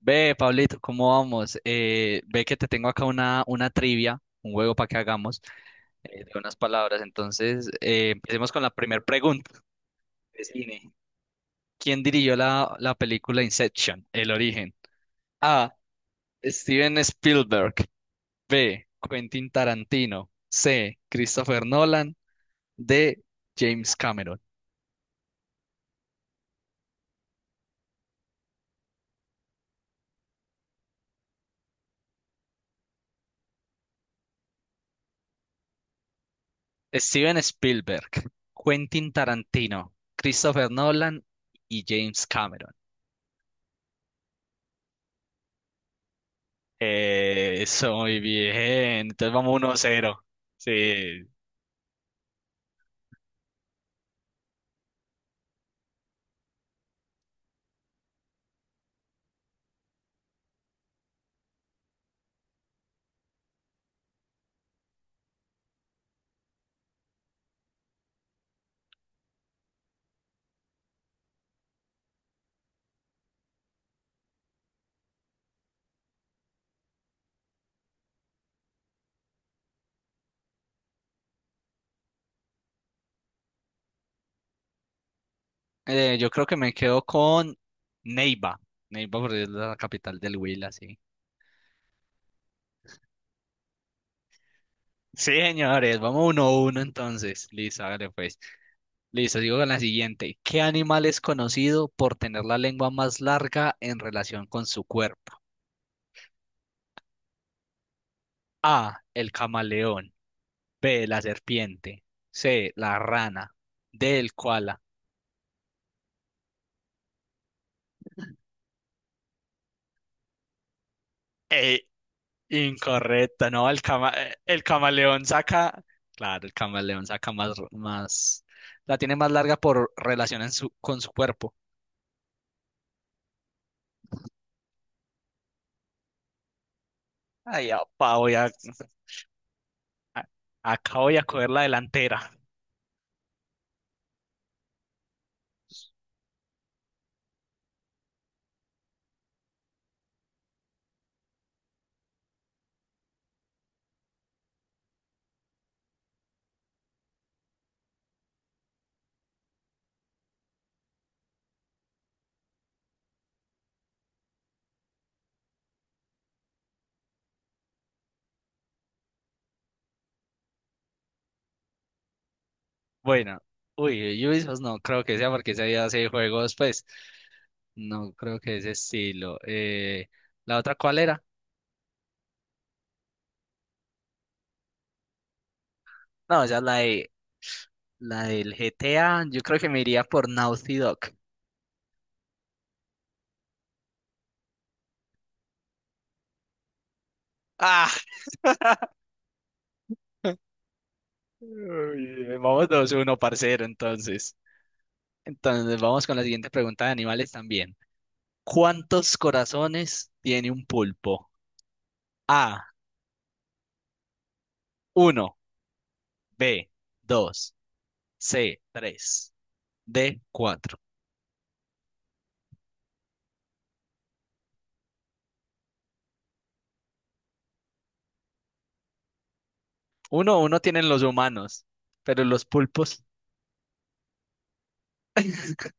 Ve, Pablito, ¿cómo vamos? Ve que te tengo acá una trivia, un juego para que hagamos de unas palabras. Entonces, empecemos con la primera pregunta de cine. ¿Quién dirigió la película Inception, El Origen? A. Steven Spielberg. B. Quentin Tarantino. C. Christopher Nolan. D. James Cameron. Steven Spielberg, Quentin Tarantino, Christopher Nolan y James Cameron. Eso, muy bien. Entonces vamos 1 cero. Sí. Yo creo que me quedo con Neiva. Neiva porque es la capital del Huila, sí. Sí, señores, vamos 1 uno entonces. Listo, hágale pues. Listo, sigo con la siguiente. ¿Qué animal es conocido por tener la lengua más larga en relación con su cuerpo? A, el camaleón. B, la serpiente. C, la rana. D, el koala. Incorrecta, no, el cama, el camaleón saca, claro, el camaleón saca más, la tiene más larga por relación en su, con su cuerpo. Ay, apa, a- acá voy a coger la delantera. Bueno, uy, Ubisoft no creo que sea porque ese día hace juegos, pues, no creo que ese estilo. ¿La otra cuál era? No, esa es la de, la del GTA, yo creo que me iría por Naughty Dog. Ah, uy, vamos 2-1, parcero, entonces. Entonces vamos con la siguiente pregunta de animales también. ¿Cuántos corazones tiene un pulpo? A, uno. B, 2. C, 3. D, 4. Uno, uno tienen los humanos, pero los pulpos...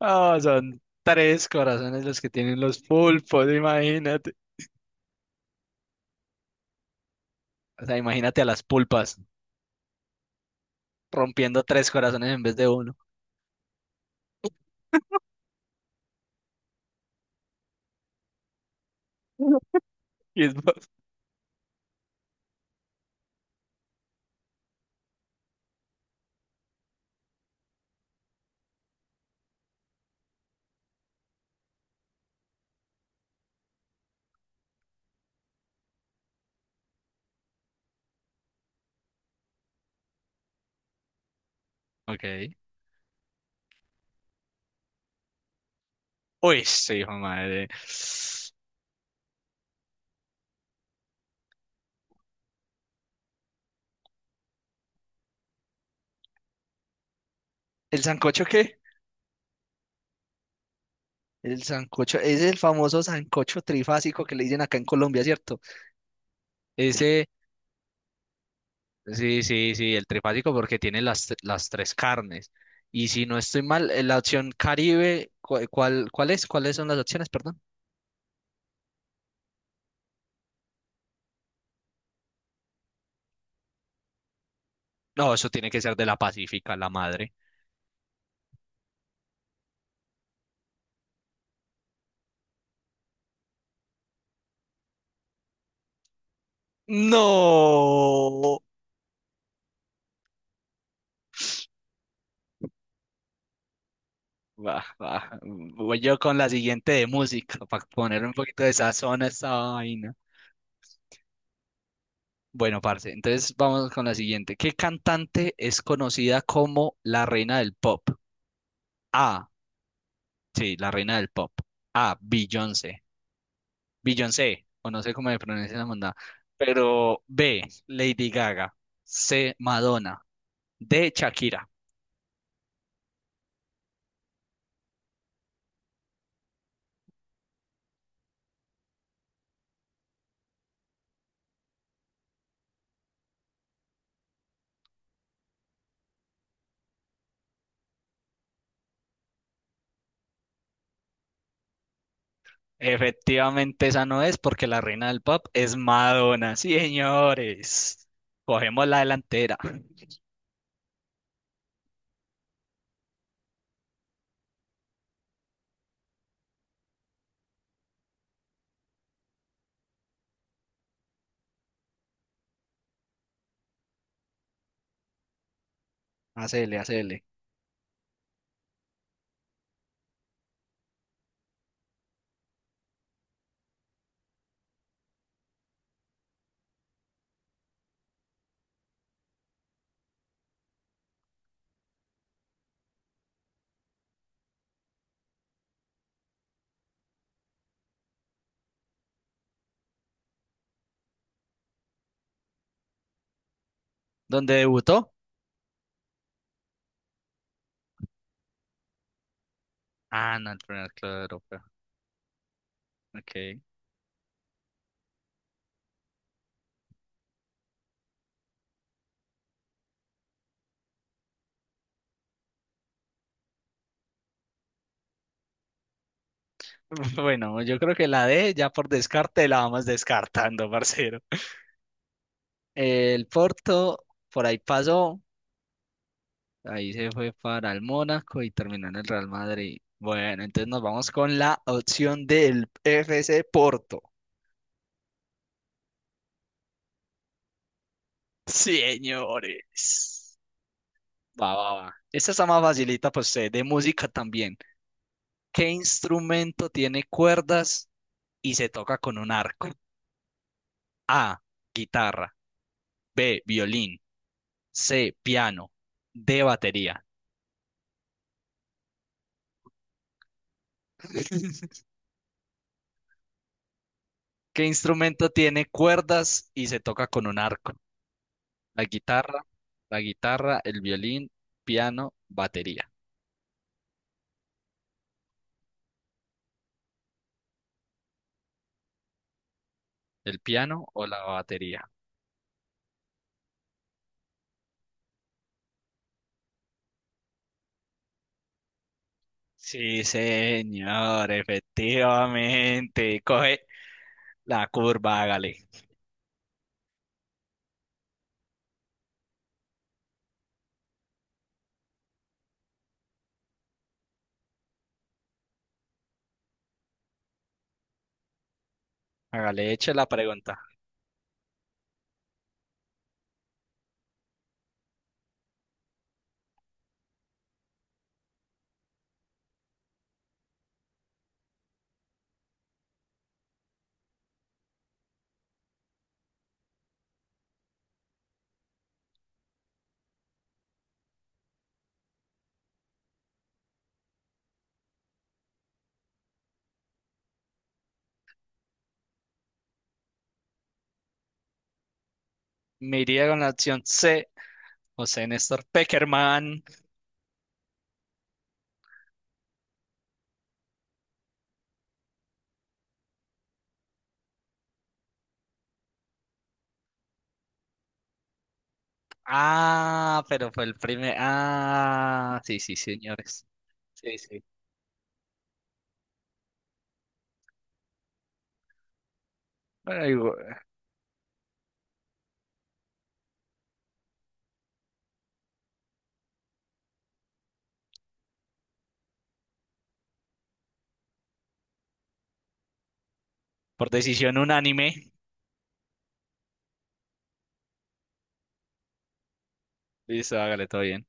Ah, son tres corazones los que tienen los pulpos, imagínate. O sea, imagínate a las pulpas rompiendo tres corazones en vez de uno. Y es más. Ok. Uy, sí, hijo de madre. ¿El sancocho qué? El sancocho, es el famoso sancocho trifásico que le dicen acá en Colombia, ¿cierto? Ese, sí, sí, sí, el trifásico porque tiene las tres carnes. Y si no estoy mal, la opción Caribe, ¿cuál es? ¿Cuáles son las opciones, perdón? No, eso tiene que ser de la Pacífica, la madre. No. Va, va. Voy yo con la siguiente de música, para poner un poquito de sazón a esta vaina. Bueno, parce, entonces vamos con la siguiente. ¿Qué cantante es conocida como la reina del pop? A, sí, la reina del pop. A, Beyoncé. Beyoncé, o no sé cómo se pronuncia la mandada. Pero B, Lady Gaga. C, Madonna. D, Shakira. Efectivamente, esa no es porque la reina del pop es Madonna. Sí, señores. Cogemos la delantera. Hacele, hacele. ¿Dónde debutó? Ah, no, el primer club de Europa. Ok. Bueno, yo creo que la D ya por descarte la vamos descartando, parcero. El Porto por ahí pasó, ahí se fue para el Mónaco y terminó en el Real Madrid. Bueno, entonces nos vamos con la opción del F C Porto. Sí, señores. Va, va, va. Esta está más facilita para usted, de música también. ¿Qué instrumento tiene cuerdas y se toca con un arco? A, guitarra, B, violín, C, piano, D, batería. ¿Qué instrumento tiene cuerdas y se toca con un arco? La guitarra, la guitarra, el violín, piano, batería. ¿El piano o la batería? Sí, señor, efectivamente. Coge la curva, hágale. Hágale, eche la pregunta. Me iría con la opción C, José Néstor Peckerman. Ah, pero fue el primer. Ah, sí, sí, señores. Sí, sí. Bueno, digo, por decisión unánime. Listo, hágale todo bien.